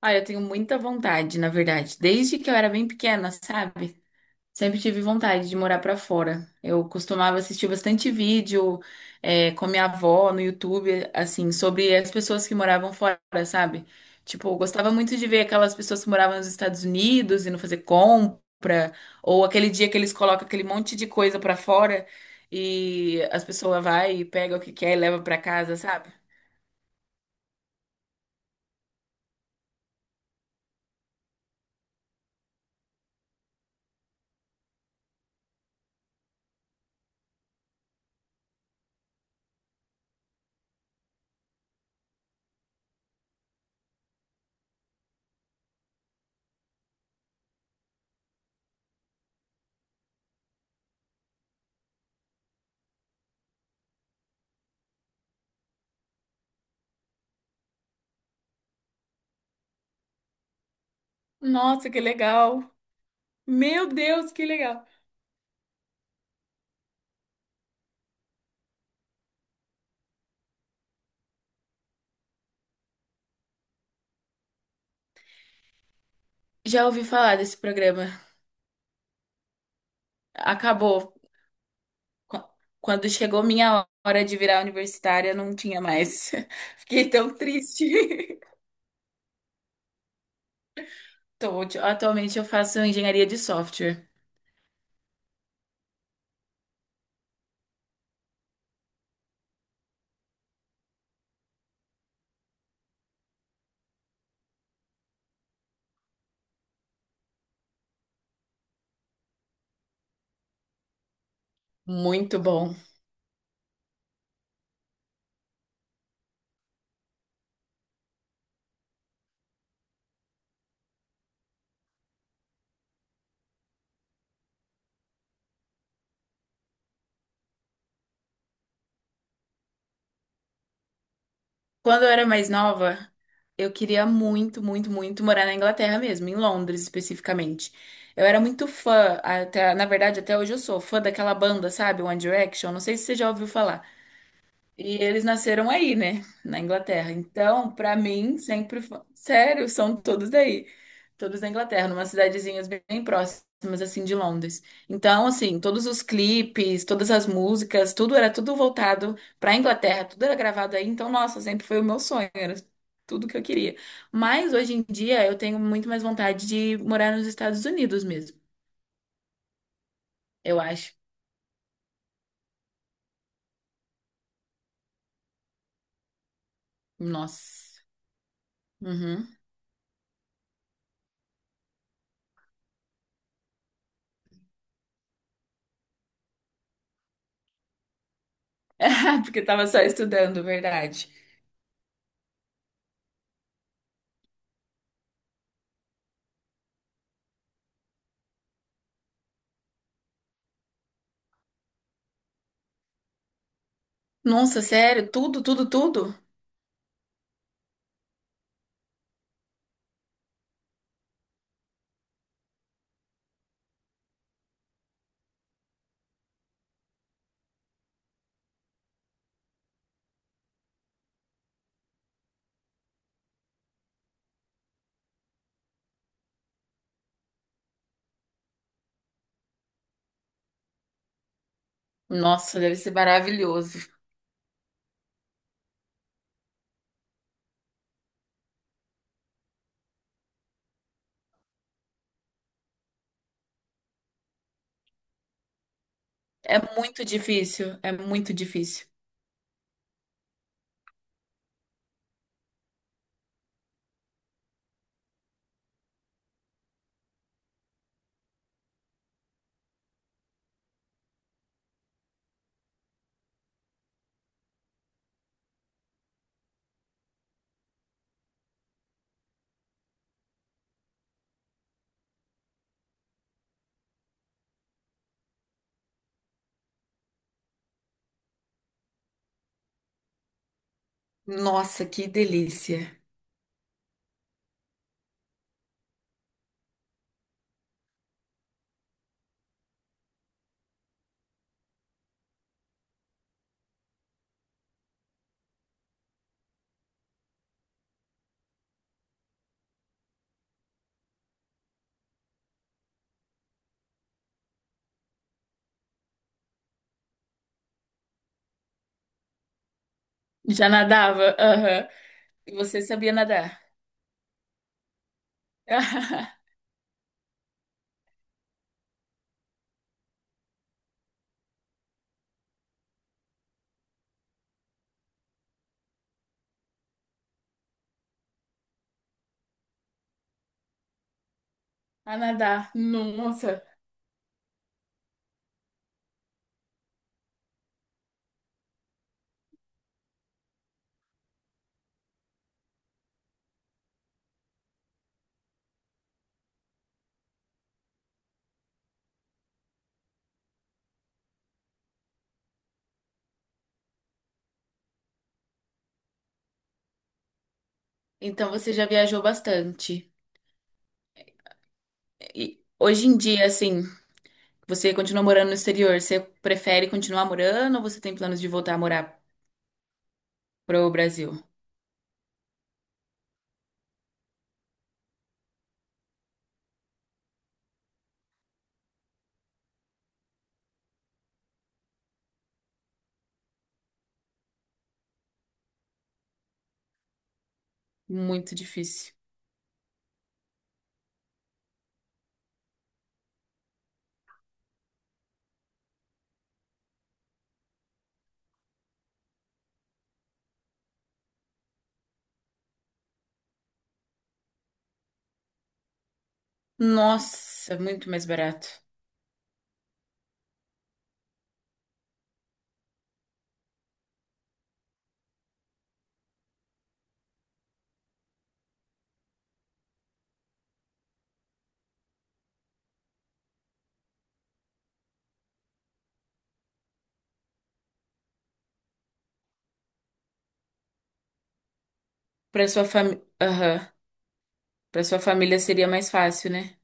Ah, eu tenho muita vontade, na verdade. Desde que eu era bem pequena, sabe? Sempre tive vontade de morar pra fora. Eu costumava assistir bastante vídeo, com a minha avó no YouTube, assim, sobre as pessoas que moravam fora, sabe? Tipo, eu gostava muito de ver aquelas pessoas que moravam nos Estados Unidos e não fazer compra, ou aquele dia que eles colocam aquele monte de coisa pra fora e as pessoas vai e pega o que quer e leva pra casa, sabe? Nossa, que legal! Meu Deus, que legal! Já ouvi falar desse programa. Acabou. Qu- Quando chegou minha hora de virar universitária, não tinha mais. Fiquei tão triste. Atualmente eu faço engenharia de software. Muito bom. Quando eu era mais nova, eu queria muito, muito, muito morar na Inglaterra mesmo, em Londres especificamente. Eu era muito fã, até, na verdade, até hoje eu sou fã daquela banda, sabe? One Direction. Não sei se você já ouviu falar. E eles nasceram aí, né? Na Inglaterra. Então, pra mim, sempre foi. Sério, são todos daí. Todos da Inglaterra, numa cidadezinhas bem próximas, assim, de Londres. Então, assim, todos os clipes, todas as músicas, tudo era tudo voltado pra Inglaterra, tudo era gravado aí. Então, nossa, sempre foi o meu sonho, era tudo que eu queria. Mas hoje em dia eu tenho muito mais vontade de morar nos Estados Unidos mesmo, eu acho. Nossa. Uhum. Porque tava só estudando, verdade. Nossa, sério? Tudo, tudo, tudo? Nossa, deve ser maravilhoso. É muito difícil, é muito difícil. Nossa, que delícia. Já nadava? Aham. E você sabia nadar? A nadar. Nossa. Então você já viajou bastante. E hoje em dia, assim, você continua morando no exterior, você prefere continuar morando ou você tem planos de voltar a morar pro Brasil? Muito difícil. Nossa, muito mais barato. Pra sua família. Para sua família seria mais fácil, né?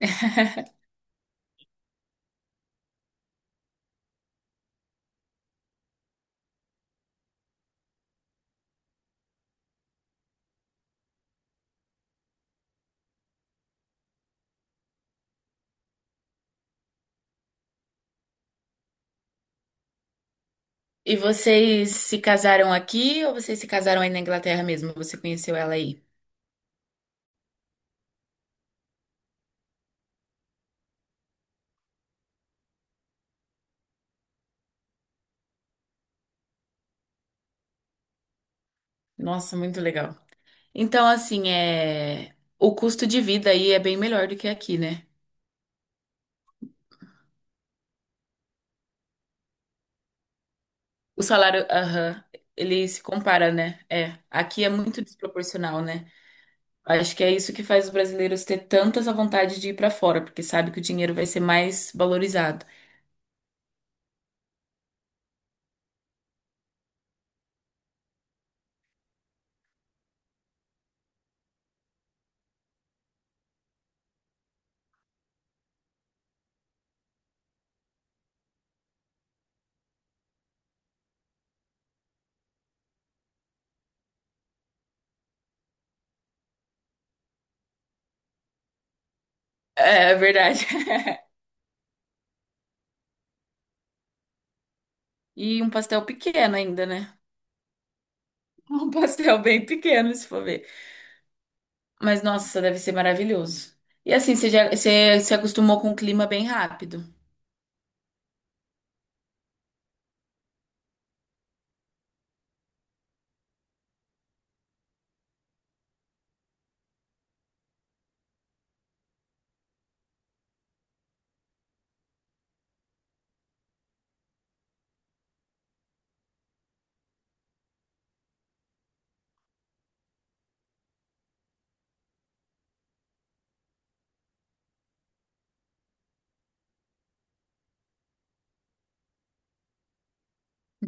E vocês se casaram aqui ou vocês se casaram aí na Inglaterra mesmo? Você conheceu ela aí? Nossa, muito legal. Então, assim, é... o custo de vida aí é bem melhor do que aqui, né? O salário, aham, ele se compara, né? É, aqui é muito desproporcional, né? Acho que é isso que faz os brasileiros ter tanta essa vontade de ir pra fora, porque sabe que o dinheiro vai ser mais valorizado. É, é verdade. E um pastel pequeno ainda, né? Um pastel bem pequeno, se for ver. Mas nossa, deve ser maravilhoso. E assim, você já você se acostumou com o clima bem rápido.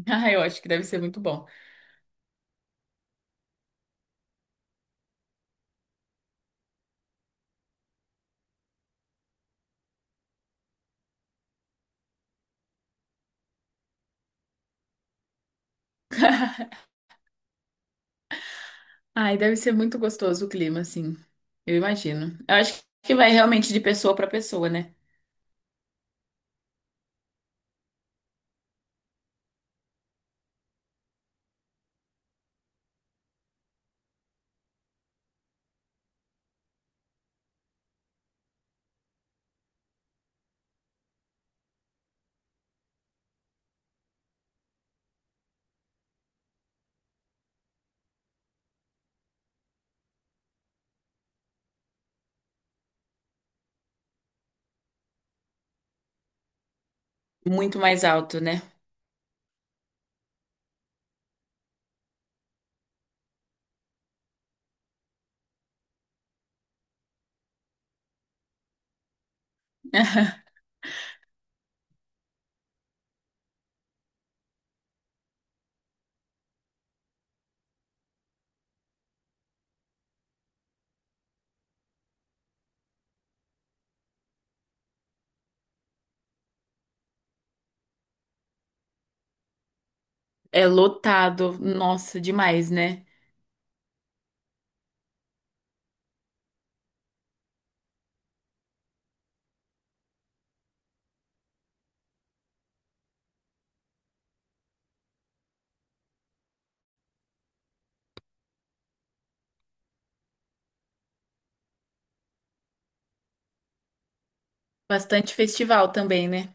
Ah, eu acho que deve ser muito bom. Ai, deve ser muito gostoso o clima, assim. Eu imagino. Eu acho que vai realmente de pessoa para pessoa, né? Muito mais alto, né? É lotado. Nossa, demais, né? Bastante festival também, né?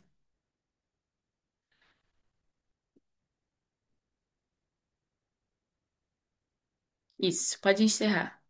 Isso, pode encerrar.